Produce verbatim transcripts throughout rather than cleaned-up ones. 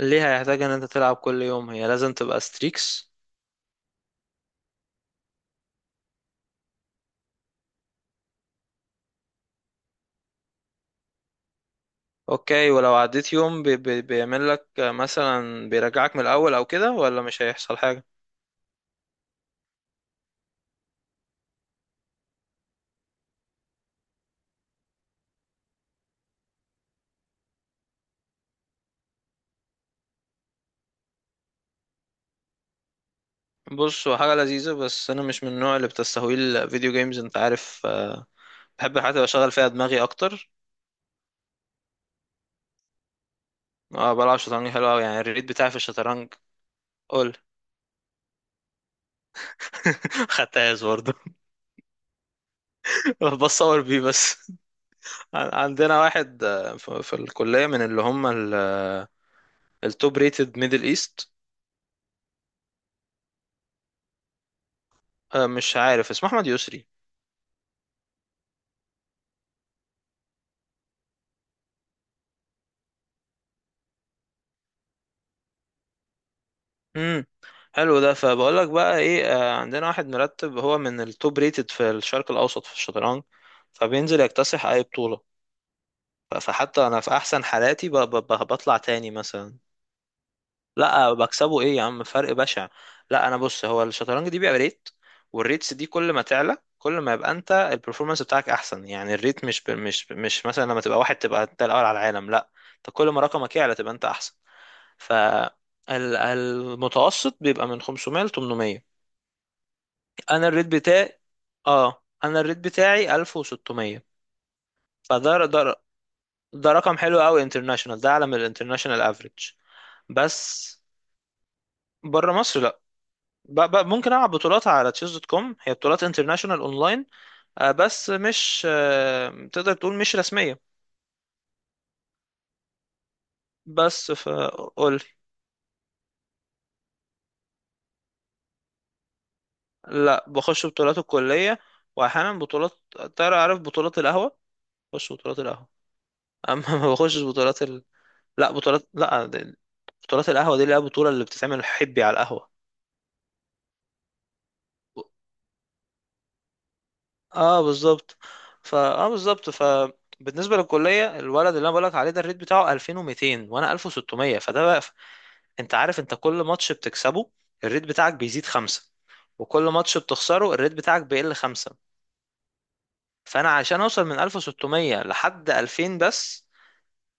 ليه هيحتاج ان انت تلعب كل يوم؟ هي لازم تبقى ستريكس؟ اوكي، ولو عديت يوم بي بي بيعمل لك مثلا بيرجعك من الاول او كده، ولا مش هيحصل حاجة؟ بص، هو حاجة لذيذة، بس انا مش من النوع اللي بتستهوي الفيديو جيمز، انت عارف. آه، بحب الحاجات اللي بشغل فيها دماغي اكتر. اه، بلعب شطرنج. حلو قوي يعني الريت بتاعي في الشطرنج. قول. خدتهاش برضه. بصور بيه بس. عن- عندنا واحد، آه، في في الكلية، من اللي هم ال- التوب ريتد ميدل ايست. آه، مش عارف اسمه. احمد يسري. امم. حلو ده. فبقول لك بقى ايه، آه، عندنا واحد مرتب، هو من التوب ريتد في الشرق الاوسط في الشطرنج، فبينزل يكتسح اي بطولة. ف- فحتى انا في احسن حالاتي ب- ب- ب- بطلع تاني مثلا. لا بكسبه ايه يا عم، فرق بشع. لا انا بص، هو الشطرنج دي بيبقى ريت، والريتس دي كل ما تعلى كل ما يبقى انت البرفورمانس بتاعك احسن. يعني الريت مش ب- مش مش مثلا لما تبقى واحد تبقى انت الاول على العالم، لا. انت كل ما رقمك يعلى تبقى انت احسن. ف ال- المتوسط بيبقى من خمسمية ل تمنمية. انا الريت بتاعي، اه، انا الريت بتاعي ألف وستمية. فده ده, ده رقم حلو قوي. انترناشونال. ده اعلى من الانترناشونال افريج. بس بره مصر لا. ب- ب- ممكن العب بطولات على تشيز دوت كوم، هي بطولات انترناشونال اونلاين، آه، بس مش، آه، تقدر تقول مش رسميه. بس فقول. لا، بخش بطولات الكليه، واحيانا بطولات، تعرف بطولات القهوه، بخش بطولات القهوه. اما ما بخشش بطولات، لا، بطولات، لا ده- بطولات القهوة دي اللي هي البطولة اللي بتتعمل حبي على القهوة. اه بالظبط. فا اه بالظبط. فبالنسبة للكلية، الولد اللي انا بقولك عليه ده الريت بتاعه ألفين ومتين وانا ألف وستمية، فده بقى. انت عارف، انت كل ماتش بتكسبه الريت بتاعك بيزيد خمسة، وكل ماتش بتخسره الريت بتاعك بيقل خمسة. فانا عشان اوصل من ألف وستمية لحد ألفين بس،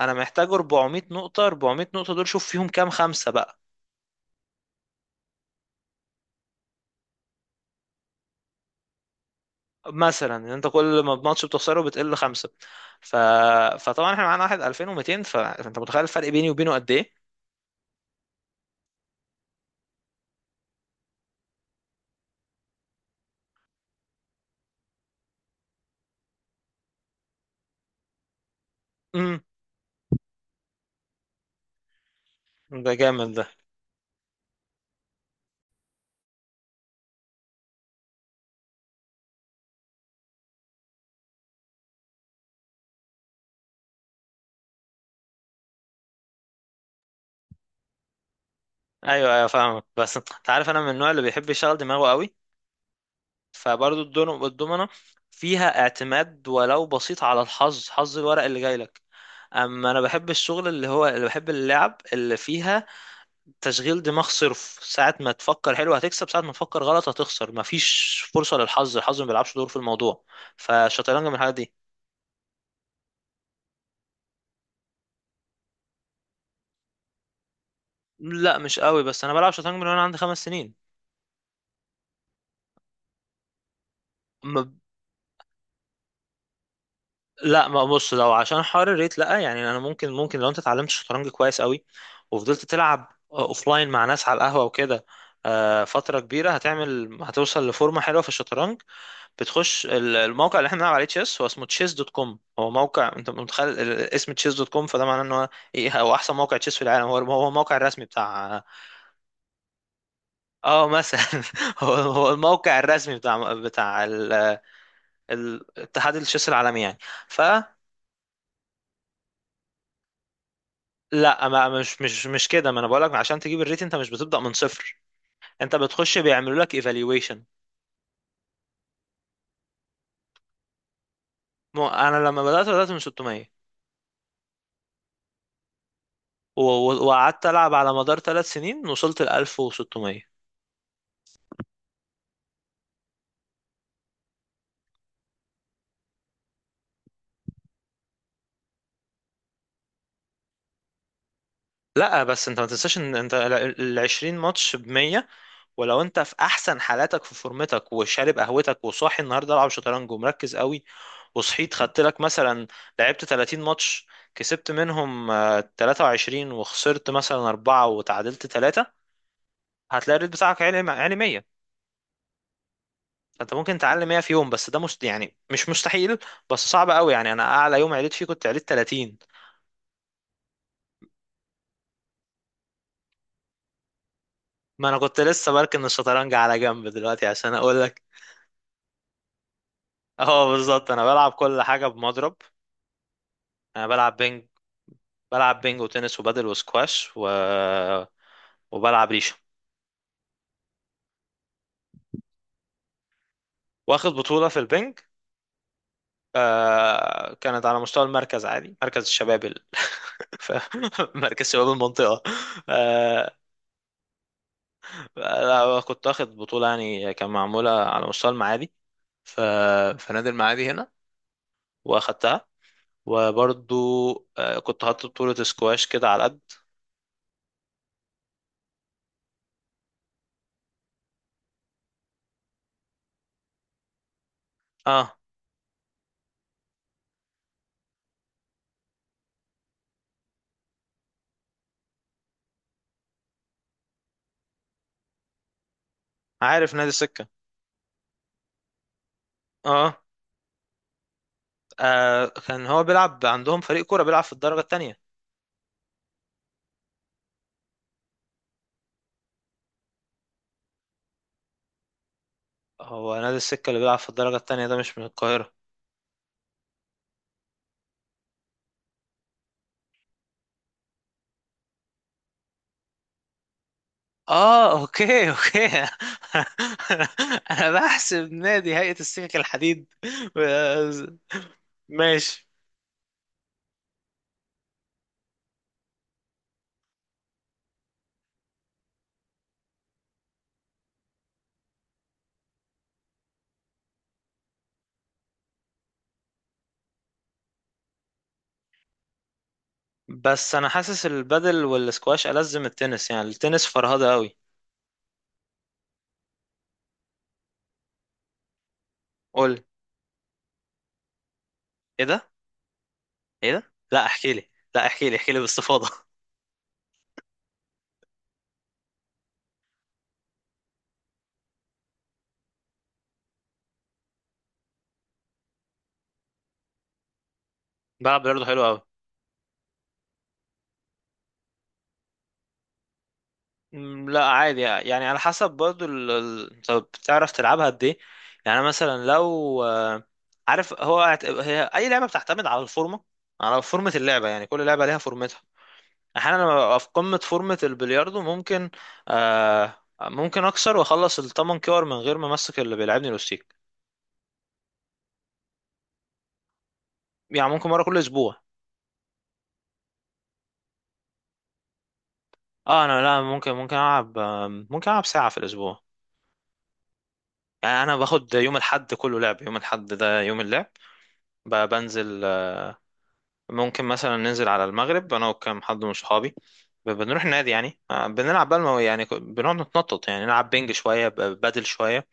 انا محتاج أربعمائة نقطة. أربعمائة نقطة دول شوف فيهم كام خمسة بقى. مثلا، ان انت كل ما الماتش بتخسره بتقل خمسه. ف... فطبعا احنا معانا واحد ألفين ومتين، ف... فانت متخيل الفرق بيني وبينه قد ايه. امم. ده جامد ده. ايوه ايوه، فاهمك. بس انت عارف انا من النوع اللي بيحب يشغل دماغه قوي. فبرضه الدون- الدومنه فيها اعتماد ولو بسيط على الحظ، حظ الورق اللي جاي لك. اما انا بحب الشغل اللي هو، اللي بحب اللعب اللي فيها تشغيل دماغ صرف. ساعة ما تفكر حلو هتكسب، ساعة ما تفكر غلط هتخسر. مفيش فرصة للحظ، الحظ ما بيلعبش دور في الموضوع. فالشطرنج من الحاجات دي. لا مش قوي، بس انا بلعب شطرنج من وانا عندي خمس سنين. ما لا، ما بص، لو عشان حوار الريت، لا، يعني انا ممكن ممكن لو انت اتعلمت شطرنج كويس قوي، وفضلت تلعب اوفلاين مع ناس على القهوة وكده آه، فترة كبيرة، هتعمل هتوصل لفورمة حلوة في الشطرنج. بتخش ال- الموقع اللي احنا بنلعب عليه، تشيس، هو اسمه تشيس دوت كوم. هو موقع، انت متخيل ال- اسم تشيس دوت كوم، فده معناه ان هو ايه؟ هو احسن موقع تشيس في العالم. هو هو الموقع الرسمي بتاع، اه مثلا، هو هو الموقع الرسمي بتاع بتاع ال- ال- اتحاد التشيس العالمي يعني. ف لا، ما مش مش مش كده، ما انا بقول لك، عشان تجيب الريت انت مش بتبدأ من صفر، انت بتخش بيعملوا لك ايفالويشن. انا لما بدأت، بدأت من ستمية، و- و- وقعدت العب على مدار ثلاث سنين، وصلت ل ألف وستمية. لا بس انت ما تنساش ان انت ال ال- عشرين ماتش ب مية. ولو انت في احسن حالاتك، في فورمتك، وشارب قهوتك، وصاحي النهارده العب شطرنج ومركز قوي، وصحيت خدت لك مثلا لعبت ثلاثين ماتش، كسبت منهم آه، تلاتة وعشرين، وخسرت مثلا أربعة، وتعادلت ثلاثة، هتلاقي الريت بتاعك عالي، عالي مية. فانت ممكن تعلي مية في يوم، بس ده مست يعني مش مستحيل، بس صعب قوي. يعني انا اعلى يوم عليت فيه كنت عليت ثلاثين. ما انا كنت لسه بركن الشطرنج على جنب دلوقتي عشان اقول لك. اه بالظبط، انا بلعب كل حاجه بمضرب. انا بلعب بينج، بلعب بينج وتنس وبادل وسكواش و... وبلعب ريشه. واخد بطوله في البينج. آه، كانت على مستوى المركز عادي، مركز الشباب ال... ف- مركز شباب المنطقه. آه، لا، كنت واخد بطوله، يعني كان معموله على مستوى المعادي. ف... في نادي المعادي هنا، واخدتها. وبرضو، آه، كنت حاطط بطوله سكواش كده على قد. اه. عارف نادي سكه. اه. آه، كان هو بيلعب عندهم فريق كورة، بيلعب في الدرجة التانية. هو نادي السكة اللي بيلعب في الدرجة التانية ده مش من القاهرة؟ اه اوكي اوكي. انا بحسب نادي هيئة السكك الحديد. ماشي. بس انا حاسس البادل والسكواش ألذ من التنس. يعني التنس فرهدة قوي. قول. ايه ده؟ ايه ده؟ لا احكي لي، لا احكي لي، احكي لي باستفاضة. بلعب برضه. حلو قوي. مم، لا عادي يعني، على حسب برضو ال... ال- انت بتعرف تلعبها قد ايه. يعني مثلا لو، آه، عارف، هو هت- هي اي لعبه بتعتمد على الفورمه، على فورمه اللعبه. يعني كل لعبه ليها فورمتها. احيانا لما ببقى في قمه فورمه البلياردو ممكن، آه ممكن اكسر واخلص الثمن كور من غير ما امسك اللي بيلعبني الاوستيك. يعني ممكن مره كل اسبوع. اه انا، لا، ممكن ممكن العب، آم، ممكن العب ساعه في الاسبوع. يعني انا باخد يوم الاحد كله لعب. يوم الاحد ده يوم اللعب. ب- بنزل. ممكن مثلا ننزل على المغرب انا وكم حد من صحابي. ب- بنروح النادي، يعني آه، بنلعب بقى المو- يعني، ك- بنقعد نتنطط. يعني نلعب بينج شويه، ب- بدل شويه،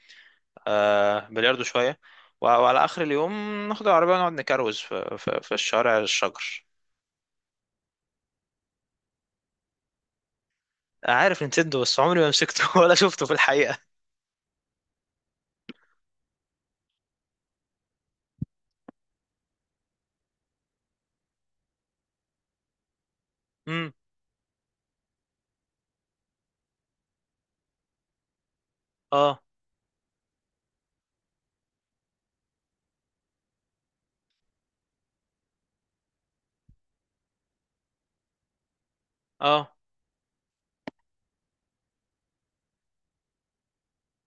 آه، بلياردو شويه، و- وعلى اخر اليوم ناخد العربيه ونقعد نكروز في, في, في الشارع الشجر. عارف نتندو، بس عمري ما مسكته، ولا شفته في الحقيقه. امم. اه. اه.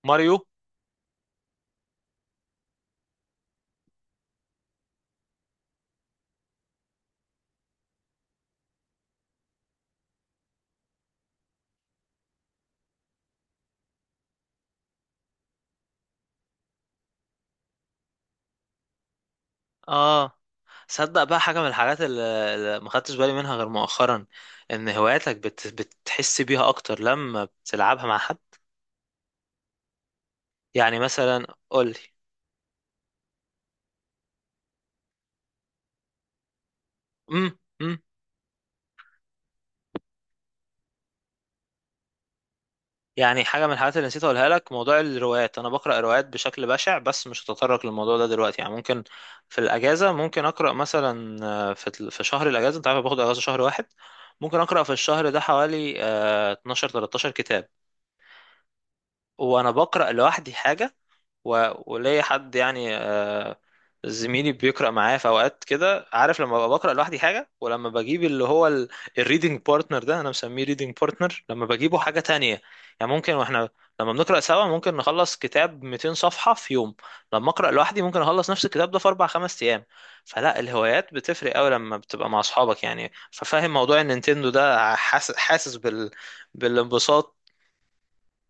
ماريو. اه. صدق بقى، حاجه من الحاجات اللي، اللي ما خدتش بالي منها غير مؤخرا، ان هواياتك بت... بتحس بيها اكتر لما بتلعبها مع حد. يعني مثلا قول لي. امم امم. يعني حاجه من الحاجات اللي نسيت اقولها لك، موضوع الروايات. انا بقرا روايات بشكل بشع، بس مش هتطرق للموضوع ده دلوقتي، يعني ممكن في الاجازه ممكن اقرا مثلا، آه، في ال- في شهر الاجازه، انت عارف أنا باخد اجازه شهر واحد، ممكن اقرا في الشهر ده حوالي آه، اتناشر تلتاشر كتاب. وانا بقرا لوحدي حاجه، و- وليا حد، يعني آه، زميلي بيقرا معايا في اوقات كده، عارف، لما ببقى بقرا لوحدي حاجه ولما بجيب اللي هو الريدنج بارتنر ده، انا مسميه ريدنج بارتنر، لما بجيبه حاجه تانية. يعني ممكن واحنا لما بنقرا سوا ممكن نخلص كتاب ميتين صفحه في يوم، لما اقرا لوحدي ممكن اخلص نفس الكتاب ده في اربع خمس ايام. فلا، الهوايات بتفرق قوي لما بتبقى مع اصحابك. يعني ففاهم موضوع النينتندو ده، حاس- حاسس بال... بالانبساط.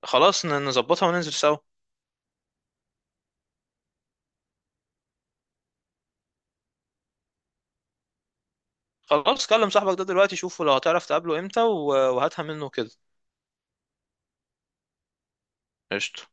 خلاص ن- نظبطها وننزل سوا. خلاص كلم صاحبك ده دلوقتي، شوفه لو هتعرف تقابله امتى، و- وهاتها منه كده. قشطة.